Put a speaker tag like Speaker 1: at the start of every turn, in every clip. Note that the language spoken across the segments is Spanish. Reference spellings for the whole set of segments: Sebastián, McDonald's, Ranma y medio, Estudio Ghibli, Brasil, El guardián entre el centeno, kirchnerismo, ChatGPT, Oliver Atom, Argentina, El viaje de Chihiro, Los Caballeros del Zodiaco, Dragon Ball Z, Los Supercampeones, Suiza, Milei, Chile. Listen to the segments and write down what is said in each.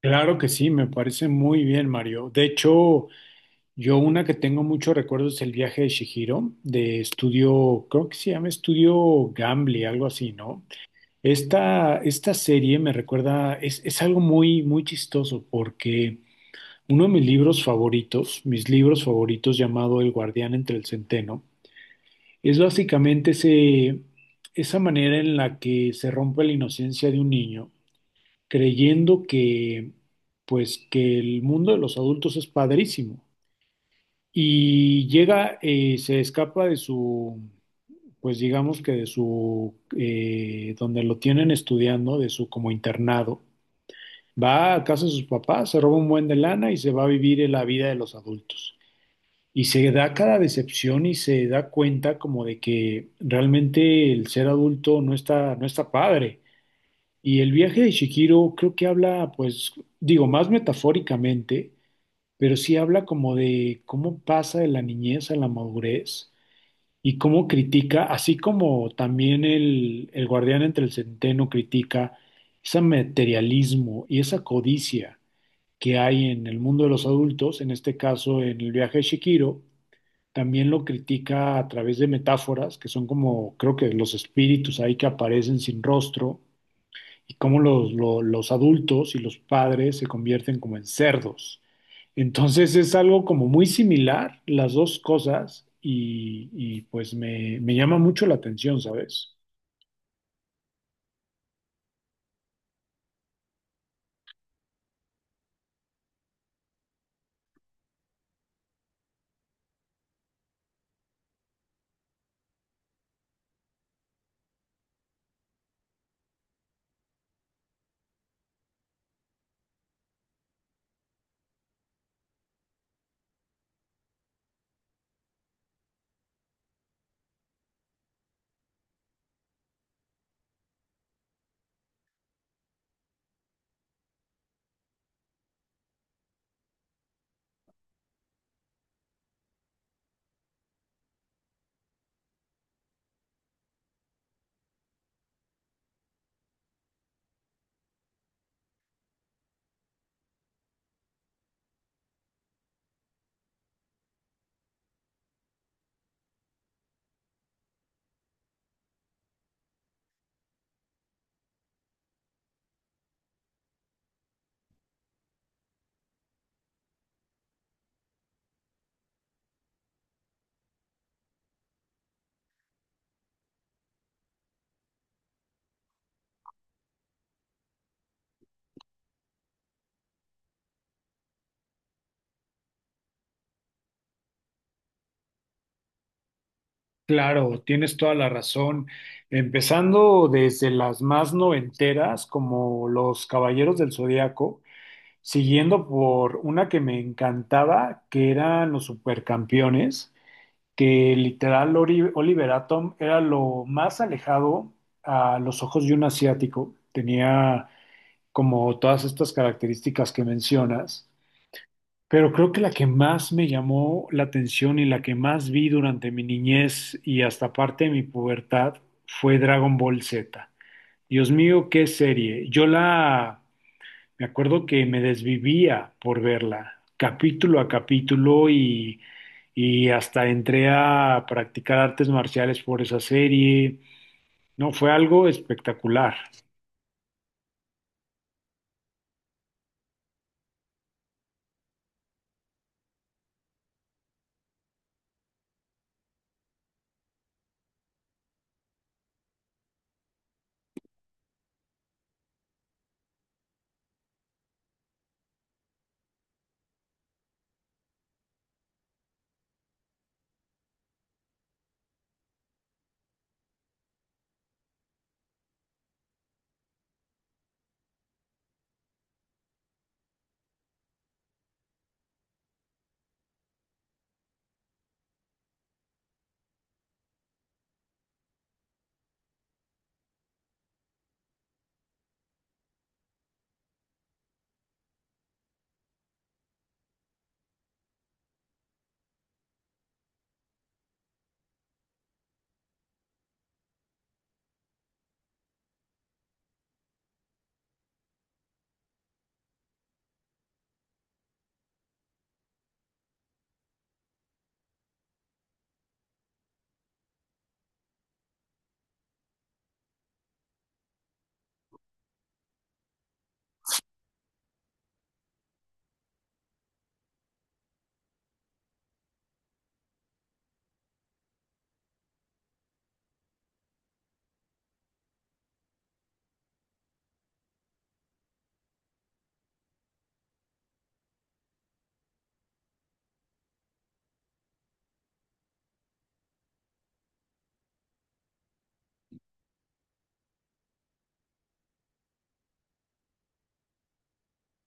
Speaker 1: Claro que sí, me parece muy bien, Mario. De hecho, yo una que tengo muchos recuerdos es el viaje de Chihiro, de estudio, creo que se llama Estudio Gambly, algo así, ¿no? Esta serie me recuerda, es algo muy, muy chistoso porque uno de mis libros favoritos llamado El guardián entre el centeno, es básicamente ese, esa manera en la que se rompe la inocencia de un niño creyendo que, pues, que el mundo de los adultos es padrísimo. Y llega, se escapa de su, pues digamos que de su, donde lo tienen estudiando, de su como internado. Va a casa de sus papás, se roba un buen de lana y se va a vivir la vida de los adultos. Y se da cada decepción y se da cuenta como de que realmente el ser adulto no está, no está padre. Y el viaje de Shihiro creo que habla, pues, digo, más metafóricamente, pero sí habla como de cómo pasa de la niñez a la madurez y cómo critica, así como también el guardián entre el centeno critica ese materialismo y esa codicia que hay en el mundo de los adultos, en este caso en el viaje de Shihiro, también lo critica a través de metáforas que son como, creo que los espíritus ahí que aparecen sin rostro y cómo los adultos y los padres se convierten como en cerdos. Entonces es algo como muy similar las dos cosas y pues me llama mucho la atención, ¿sabes? Claro, tienes toda la razón. Empezando desde las más noventeras, como Los Caballeros del Zodiaco, siguiendo por una que me encantaba, que eran Los Supercampeones, que literal Oliver Atom era lo más alejado a los ojos de un asiático. Tenía como todas estas características que mencionas, pero creo que la que más me llamó la atención y la que más vi durante mi niñez y hasta parte de mi pubertad fue Dragon Ball Z. Dios mío, qué serie. Yo la Me acuerdo que me desvivía por verla, capítulo a capítulo, y hasta entré a practicar artes marciales por esa serie. No, fue algo espectacular.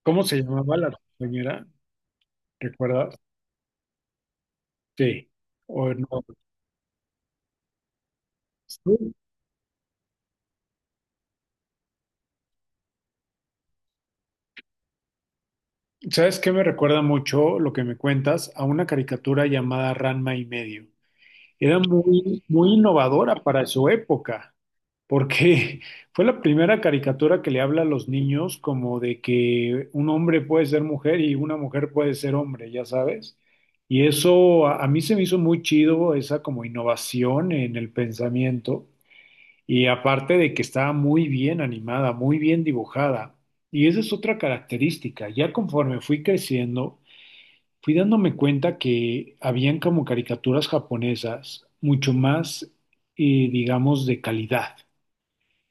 Speaker 1: ¿Cómo se llamaba la compañera? ¿Recuerdas? Sí. O no. Sí. ¿Sabes qué me recuerda mucho lo que me cuentas? A una caricatura llamada Ranma y medio. Era muy, muy innovadora para su época, porque fue la primera caricatura que le habla a los niños como de que un hombre puede ser mujer y una mujer puede ser hombre, ya sabes. Y eso a mí se me hizo muy chido, esa como innovación en el pensamiento. Y aparte de que estaba muy bien animada, muy bien dibujada. Y esa es otra característica. Ya conforme fui creciendo, fui dándome cuenta que habían como caricaturas japonesas mucho más, digamos, de calidad,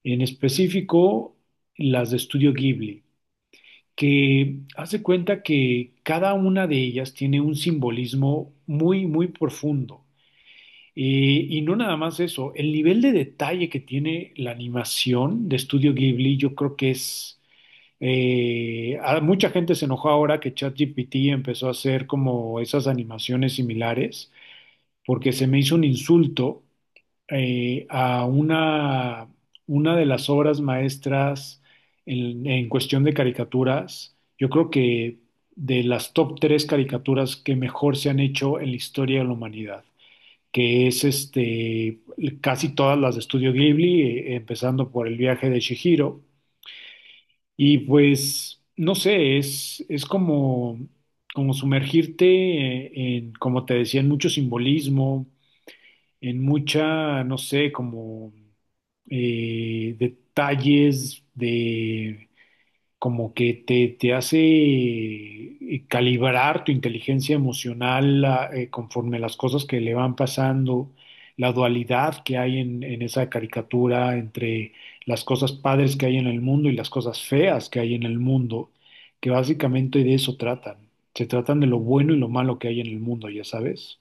Speaker 1: en específico las de Estudio Ghibli, que hace cuenta que cada una de ellas tiene un simbolismo muy, muy profundo. Y no nada más eso, el nivel de detalle que tiene la animación de Estudio Ghibli, yo creo que es... mucha gente se enojó ahora que ChatGPT empezó a hacer como esas animaciones similares, porque se me hizo un insulto a una de las obras maestras en cuestión de caricaturas. Yo creo que de las top tres caricaturas que mejor se han hecho en la historia de la humanidad, que es este, casi todas las de Estudio Ghibli, empezando por El viaje de Chihiro. Y pues, no sé, es como, como sumergirte en, como te decía, en mucho simbolismo, en mucha, no sé, como detalles de como que te hace calibrar tu inteligencia emocional conforme las cosas que le van pasando, la dualidad que hay en esa caricatura entre las cosas padres que hay en el mundo y las cosas feas que hay en el mundo, que básicamente de eso tratan. Se tratan de lo bueno y lo malo que hay en el mundo, ya sabes.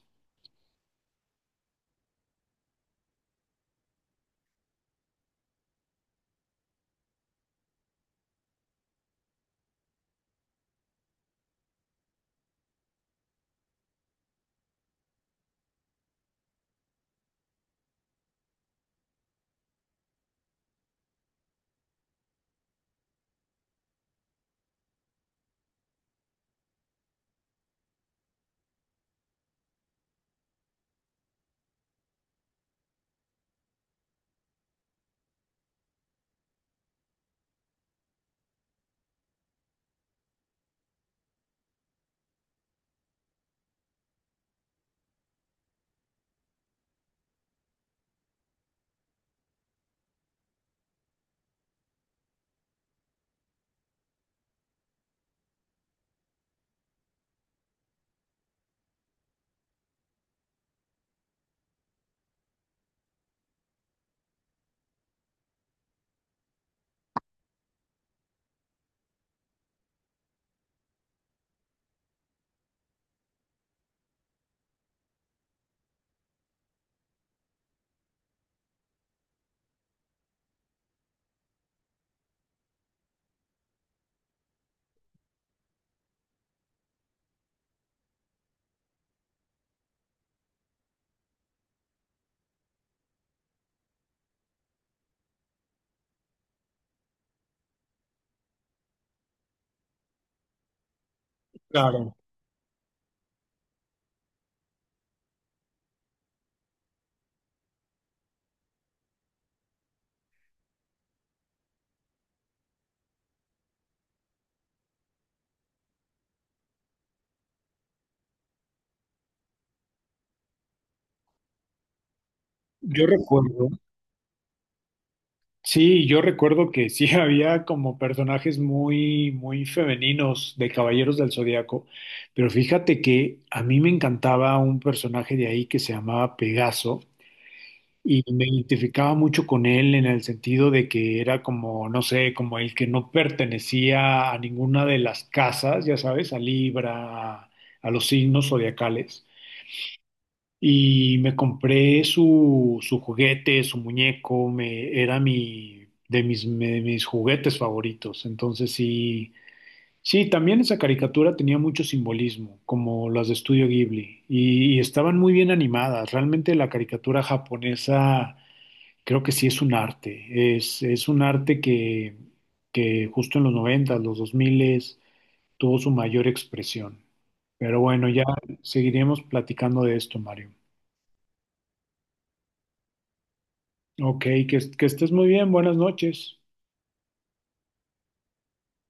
Speaker 1: Claro. Yo recuerdo. Sí, yo recuerdo que sí había como personajes muy, muy femeninos de Caballeros del Zodiaco, pero fíjate que a mí me encantaba un personaje de ahí que se llamaba Pegaso y me identificaba mucho con él en el sentido de que era como, no sé, como el que no pertenecía a ninguna de las casas, ya sabes, a Libra, a los signos zodiacales. Y me compré su juguete, su muñeco, me, era mi, de mis, me- de mis juguetes favoritos. Entonces sí, sí, también esa caricatura tenía mucho simbolismo, como las de Estudio Ghibli, y estaban muy bien animadas. Realmente la caricatura japonesa creo que sí es un arte, es un arte que justo en los 90 los 2000 tuvo su mayor expresión. Pero bueno, ya seguiremos platicando de esto, Mario. Ok, que estés muy bien, buenas noches.